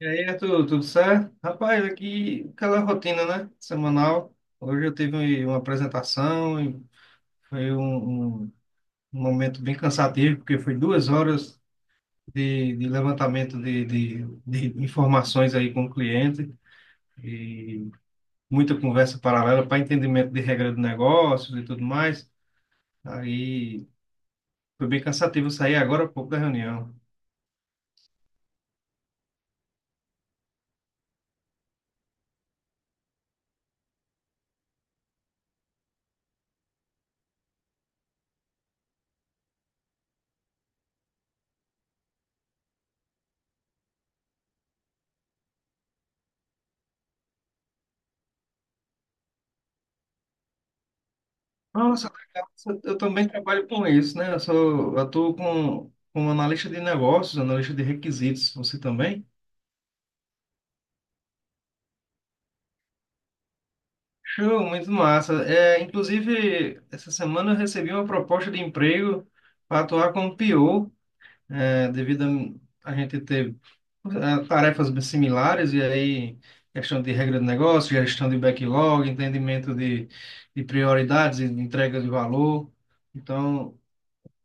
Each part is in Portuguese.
E aí, Arthur, tudo certo? Rapaz, aqui aquela rotina, né? Semanal. Hoje eu tive uma apresentação e foi um momento bem cansativo, porque foi 2 horas de levantamento de informações aí com o cliente e muita conversa paralela para entendimento de regra de negócios e tudo mais. Aí foi bem cansativo sair agora há pouco da reunião. Nossa, legal. Eu também trabalho com isso, né? Eu atuo como analista de negócios, analista de requisitos. Você também? Show, muito massa. É, inclusive, essa semana eu recebi uma proposta de emprego para atuar como PO, devido a gente ter tarefas bem similares, e aí questão de regra de negócio, gestão de backlog, entendimento de prioridades e de entrega de valor. Então,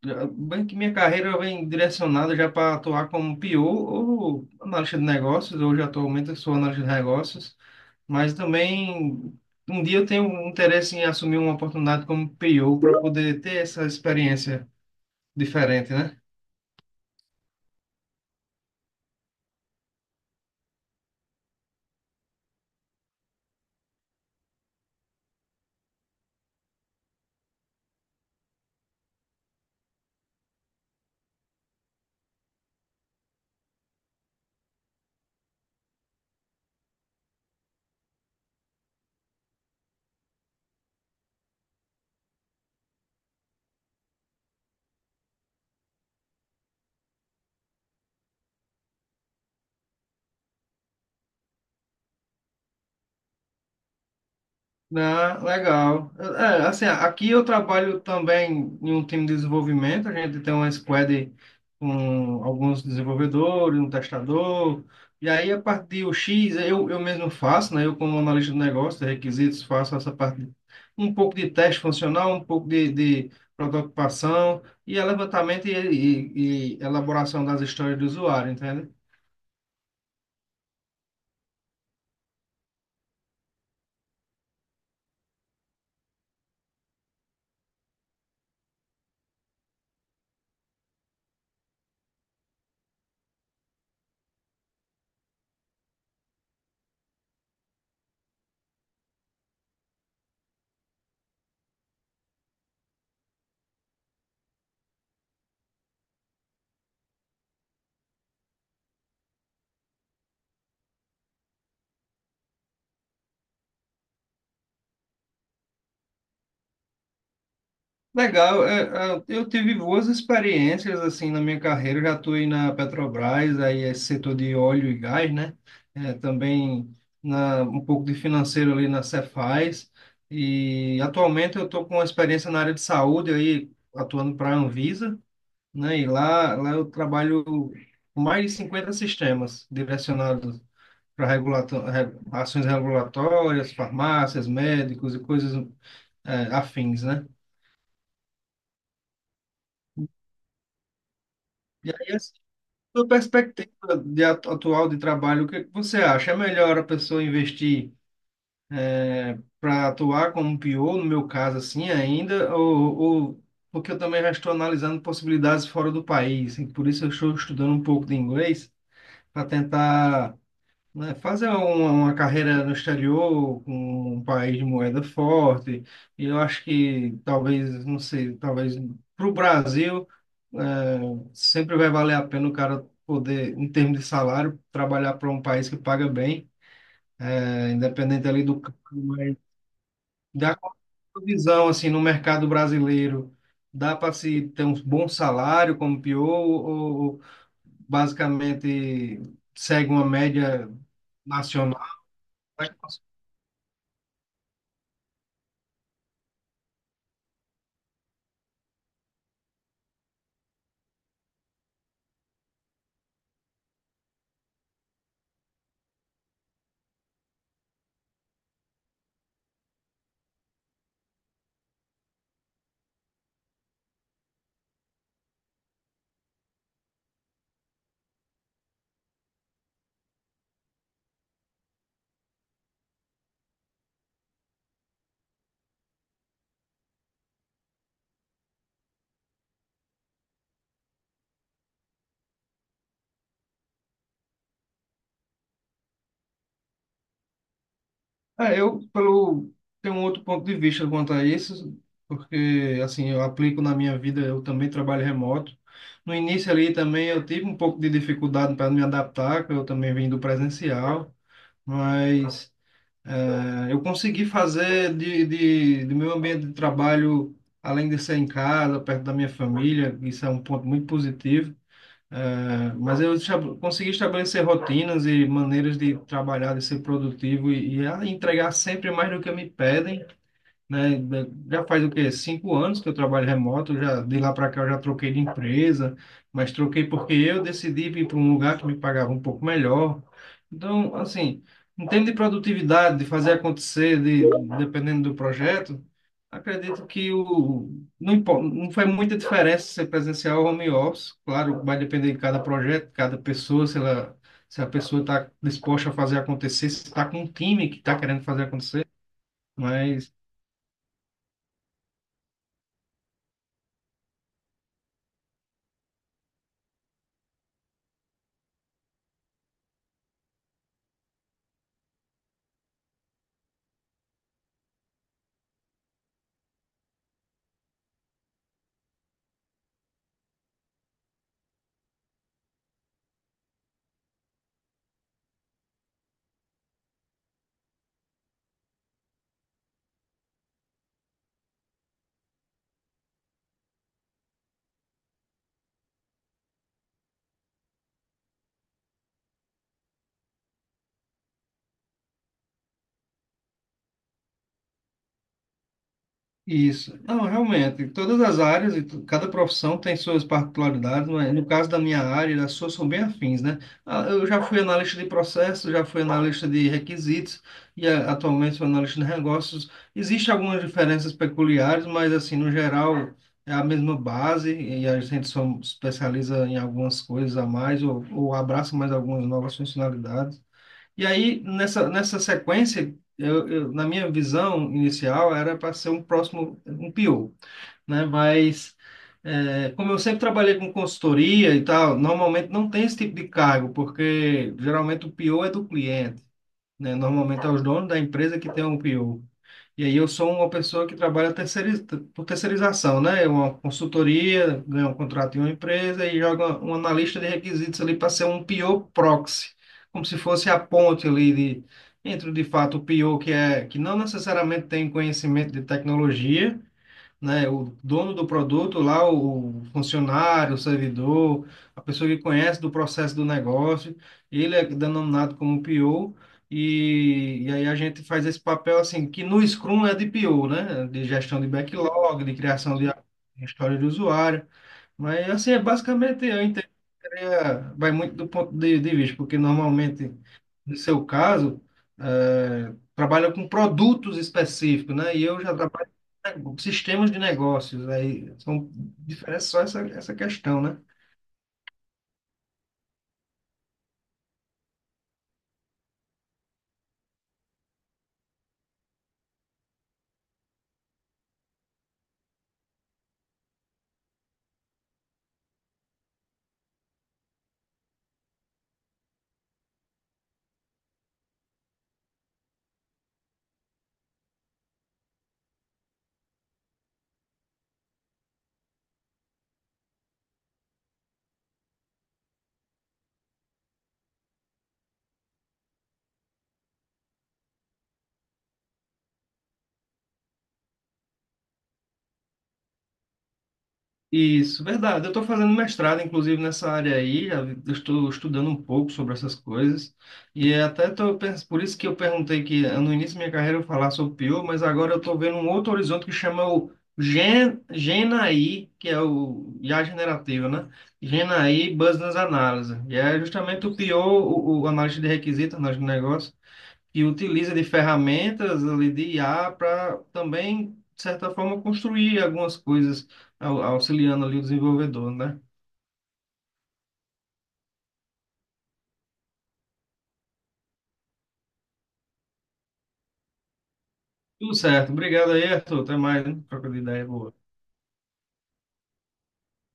bem que minha carreira vem direcionada já para atuar como PO ou analista de negócios. Hoje, atualmente, eu sou analista de negócios, mas também um dia eu tenho um interesse em assumir uma oportunidade como PO para poder ter essa experiência diferente, né? Ah, legal. É, assim, aqui eu trabalho também em um time de desenvolvimento. A gente tem uma squad com alguns desenvolvedores, um testador. E aí, a parte de UX eu mesmo faço, né? Eu, como analista de negócio de requisitos, faço essa parte, um pouco de teste funcional, um pouco de prototipação e é levantamento e elaboração das histórias do usuário, entende? Legal, eu tive boas experiências assim na minha carreira, eu já atuei na Petrobras, aí é setor de óleo e gás, né? Também um pouco de financeiro ali na Cefaz, e atualmente eu estou com uma experiência na área de saúde, aí atuando para a Anvisa, né? E lá eu trabalho com mais de 50 sistemas direcionados para ações regulatórias, farmácias, médicos e coisas, é, afins, né? E aí, sua perspectiva de atual de trabalho, o que que você acha? É melhor a pessoa investir para atuar como PO, no meu caso assim ainda, porque eu também já estou analisando possibilidades fora do país, e por isso eu estou estudando um pouco de inglês para tentar, né, fazer uma carreira no exterior com um país de moeda forte. E eu acho que talvez, não sei, talvez para o Brasil eh, sempre vai valer a pena o cara poder, em termos de salário, trabalhar para um país que paga bem, independente ali do campo, mas da visão assim no mercado brasileiro, dá para se ter um bom salário como PO ou basicamente segue uma média nacional? Eu pelo tenho um outro ponto de vista quanto a isso, porque assim, eu aplico na minha vida, eu também trabalho remoto. No início ali também eu tive um pouco de dificuldade para me adaptar, que eu também vim do presencial, mas eu consegui fazer do meu ambiente de trabalho, além de ser em casa, perto da minha família, isso é um ponto muito positivo. É, mas eu consegui estabelecer rotinas e maneiras de trabalhar, de ser produtivo e a entregar sempre mais do que me pedem, né? Já faz o quê? 5 anos que eu trabalho remoto, já de lá para cá eu já troquei de empresa, mas troquei porque eu decidi vir para um lugar que me pagava um pouco melhor. Então, assim, em termos de produtividade, de fazer acontecer, de, dependendo do projeto, acredito que o, não, impo- não faz muita diferença ser presencial ou home office. Claro, vai depender de cada projeto, de cada pessoa, se a pessoa está disposta a fazer acontecer, se está com um time que está querendo fazer acontecer. Mas isso. Não, realmente, todas as áreas e cada profissão tem suas particularidades, mas no caso da minha área, as suas são bem afins, né? Ah, eu já fui analista de processos, já fui analista de requisitos e ah, atualmente sou analista de negócios. Existem algumas diferenças peculiares, mas assim, no geral, é a mesma base e a gente só especializa em algumas coisas a mais ou abraça mais algumas novas funcionalidades. E aí, nessa sequência, na minha visão inicial, era para ser um próximo, um PO, né? Mas, é, como eu sempre trabalhei com consultoria e tal, normalmente não tem esse tipo de cargo, porque geralmente o PO é do cliente, né? Normalmente é os donos da empresa que tem um PO. E aí eu sou uma pessoa que trabalha por terceirização, né? É uma consultoria, ganha um contrato em uma empresa e joga um analista de requisitos ali para ser um PO proxy, como se fosse a ponte ali de, entre de fato o PO, que é que não necessariamente tem conhecimento de tecnologia, né? O dono do produto lá, o funcionário, o servidor, a pessoa que conhece do processo do negócio, ele é denominado como PO. E aí a gente faz esse papel assim, que no Scrum é de PO, né? De gestão de backlog, de criação de história de usuário. Mas assim, é basicamente eu entendo que seria, vai muito do ponto de vista, porque normalmente, no seu caso, é, trabalha com produtos específicos, né? E eu já trabalho com sistemas de negócios, aí são diferentes só essa questão, né? Isso, verdade. Eu estou fazendo mestrado, inclusive, nessa área aí. Eu estou estudando um pouco sobre essas coisas. E até por isso que eu perguntei que no início da minha carreira eu falar sobre PIO, mas agora eu estou vendo um outro horizonte que chama o GenAI, que é o IA generativa, né? GenAI Business Analysis. E é justamente o PIO, o análise de requisitos, análise de negócio que utiliza de ferramentas ali de IA para também, de certa forma, construir algumas coisas auxiliando ali o desenvolvedor, né? Tudo certo. Obrigado aí, Arthur. Até mais, né? Troca de ideia boa.